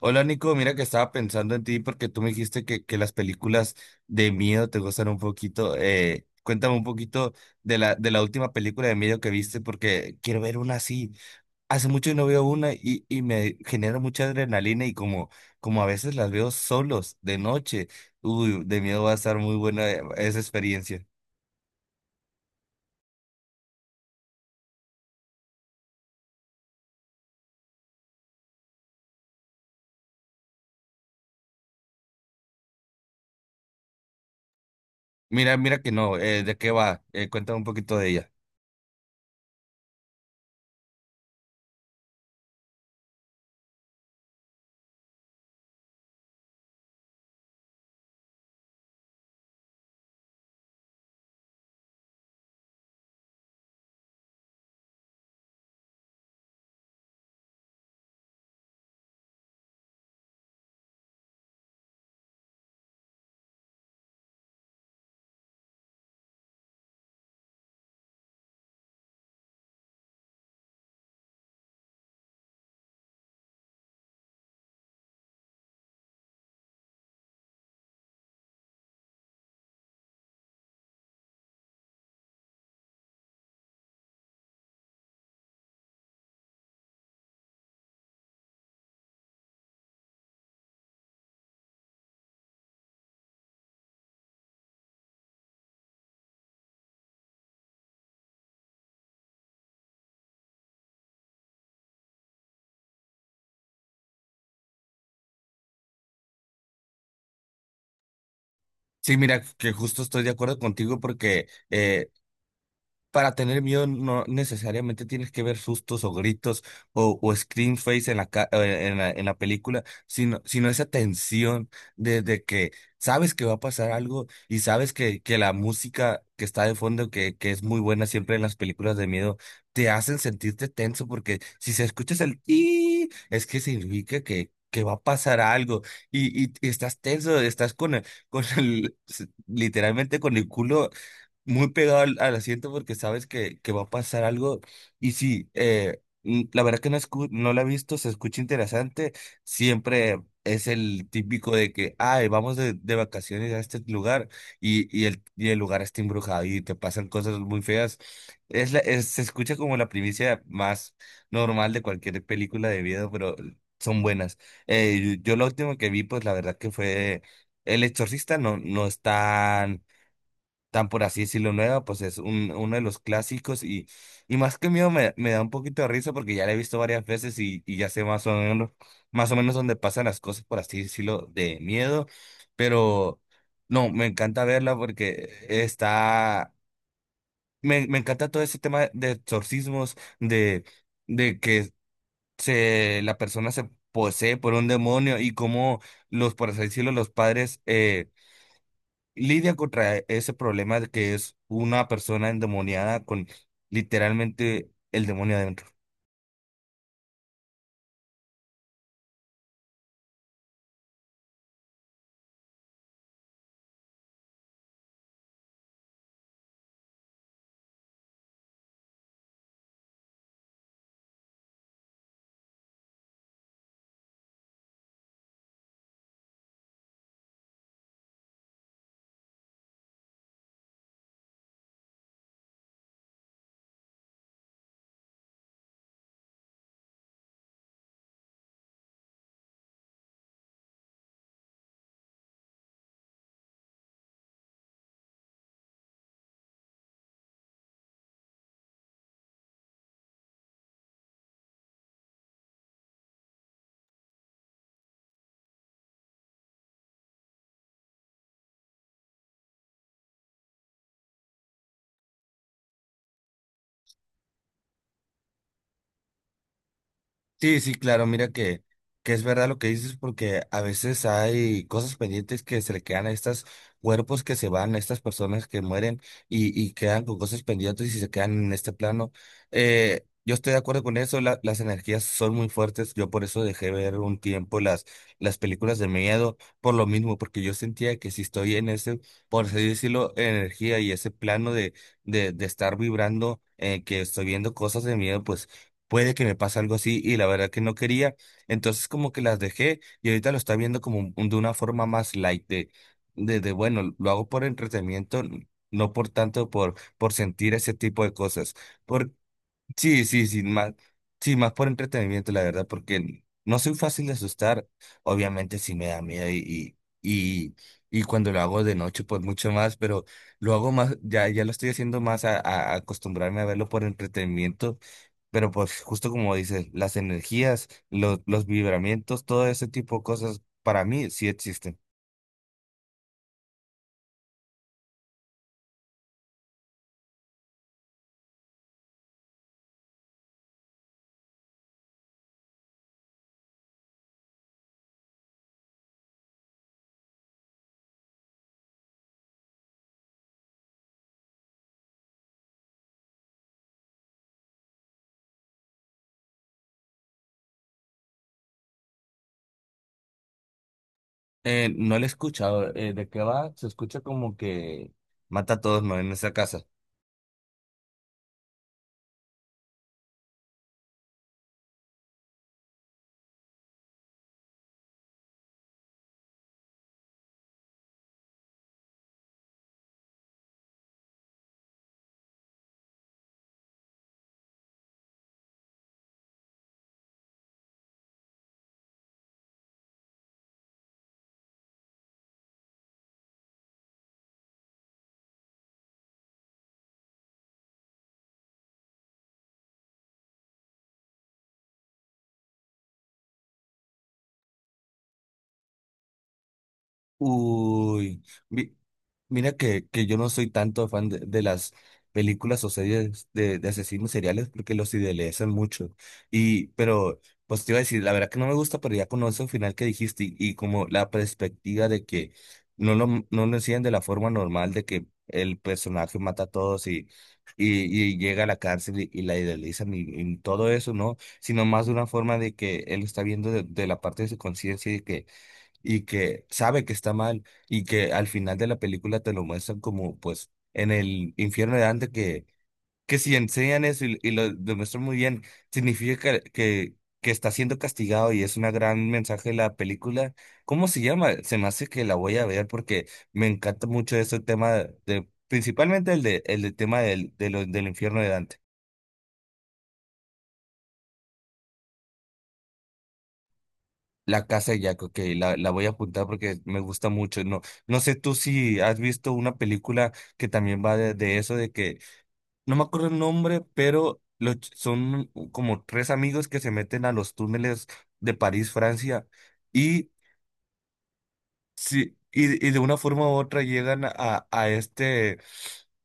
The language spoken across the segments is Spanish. Hola Nico, mira que estaba pensando en ti porque tú me dijiste que las películas de miedo te gustan un poquito. Cuéntame un poquito de la última película de miedo que viste porque quiero ver una así. Hace mucho no veo una y me genera mucha adrenalina y como a veces las veo solos de noche. Uy, de miedo va a estar muy buena, esa experiencia. Mira, mira que no, ¿de qué va? Cuéntame un poquito de ella. Sí, mira que justo estoy de acuerdo contigo porque para tener miedo no necesariamente tienes que ver sustos o gritos o scream face en la, ca- en la película, sino esa tensión de que sabes que va a pasar algo y sabes que la música que está de fondo, que es muy buena siempre en las películas de miedo, te hacen sentirte tenso porque si se escuchas el y es que significa que va a pasar algo y estás tenso, estás literalmente con el culo muy pegado al asiento porque sabes que va a pasar algo. Y sí, la verdad que no, no la he visto, se escucha interesante. Siempre es el típico de que, ay, vamos de vacaciones a este lugar y el lugar está embrujado y te pasan cosas muy feas. Es se escucha como la primicia más normal de cualquier película de miedo, pero son buenas. Lo último que vi, pues la verdad que fue El Exorcista. No, no es tan, tan por así decirlo nueva, pues es uno de los clásicos y más que miedo me da un poquito de risa porque ya la he visto varias veces y ya sé más o menos dónde pasan las cosas, por así decirlo, de miedo, pero no, me encanta verla porque me encanta todo ese tema de exorcismos, de que la persona se posee por un demonio y cómo los, por así decirlo, los padres... lidia contra ese problema de que es una persona endemoniada con literalmente el demonio adentro. Sí, sí, claro, mira que es verdad lo que dices porque a veces hay cosas pendientes que se le quedan a estos cuerpos que se van, a estas personas que mueren y quedan con cosas pendientes y se quedan en este plano. Yo estoy de acuerdo con eso, las energías son muy fuertes, yo por eso dejé ver un tiempo las películas de miedo, por lo mismo, porque yo sentía que si estoy en ese, por así decirlo, energía y ese plano de estar vibrando, que estoy viendo cosas de miedo, pues puede que me pase algo así y la verdad que no quería. Entonces como que las dejé y ahorita lo está viendo como de una forma más light bueno, lo hago por entretenimiento, no por tanto por sentir ese tipo de cosas. Por, sí, sí, sí, más por entretenimiento, la verdad, porque no soy fácil de asustar. Obviamente sí me da miedo y, y, y cuando lo hago de noche, pues mucho más, pero lo hago más, ya, ya lo estoy haciendo más a acostumbrarme a verlo por entretenimiento, pero pues justo como dices, las energías, los vibramientos, todo ese tipo de cosas para mí sí existen. No lo he escuchado. ¿De qué va? Se escucha como que mata a todos, ¿no? En esa casa. Uy, mi- mira que yo no soy tanto fan de las películas o series de asesinos seriales porque los idealizan mucho. Y, pero, pues te iba a decir, la verdad que no me gusta, pero ya conozco el final que dijiste y como la perspectiva de que no lo hacían de la forma normal de que el personaje mata a todos y, y llega a la cárcel y la idealizan y todo eso, ¿no? Sino más de una forma de que él está viendo de la parte de su conciencia y que sabe que está mal y que al final de la película te lo muestran como pues en el infierno de Dante que si enseñan eso y lo demuestran muy bien, significa que está siendo castigado y es una gran mensaje de la película. ¿Cómo se llama? Se me hace que la voy a ver porque me encanta mucho ese tema de, principalmente el de tema del infierno de Dante. La Casa de Jack, ok, la voy a apuntar porque me gusta mucho. No, no sé tú si has visto una película que también va de eso, de que, no me acuerdo el nombre, pero son como tres amigos que se meten a los túneles de París, Francia, y sí, y de una forma u otra llegan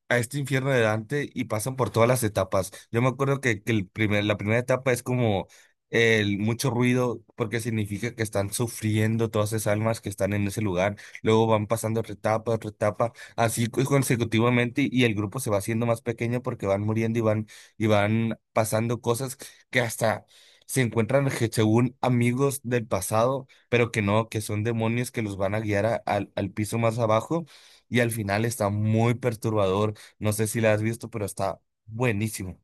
a este infierno de Dante y pasan por todas las etapas. Yo me acuerdo que la primera etapa es como el mucho ruido, porque significa que están sufriendo todas esas almas que están en ese lugar. Luego van pasando otra etapa, así consecutivamente, y el grupo se va haciendo más pequeño porque van muriendo y van pasando cosas que hasta se encuentran según amigos del pasado pero que no, que son demonios que los van a guiar al piso más abajo y al final está muy perturbador. No sé si la has visto, pero está buenísimo.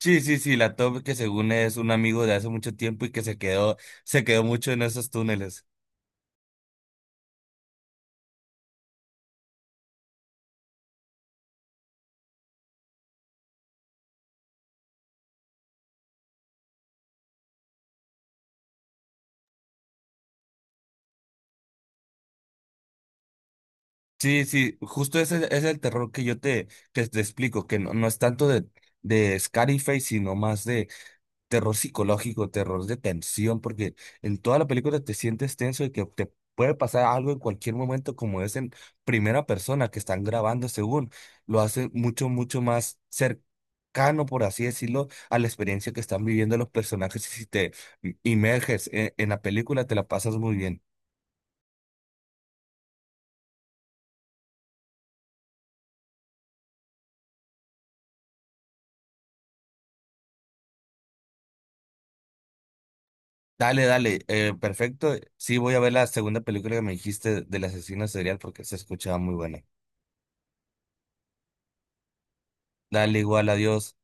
Sí, sí, sí, la top que según es un amigo de hace mucho tiempo y que se quedó mucho en esos túneles. Sí, sí, justo ese es el terror que te explico, que no, no es tanto de Scarface, sino más terror psicológico, terror de tensión, porque en toda la película te sientes tenso de que te puede pasar algo en cualquier momento, como es en primera persona que están grabando, según lo hace mucho, mucho más cercano, por así decirlo, a la experiencia que están viviendo los personajes. Y si te inmerges en la película, te la pasas muy bien. Dale, dale, perfecto. Sí, voy a ver la segunda película que me dijiste del asesino serial porque se escuchaba muy buena. Dale, igual, adiós.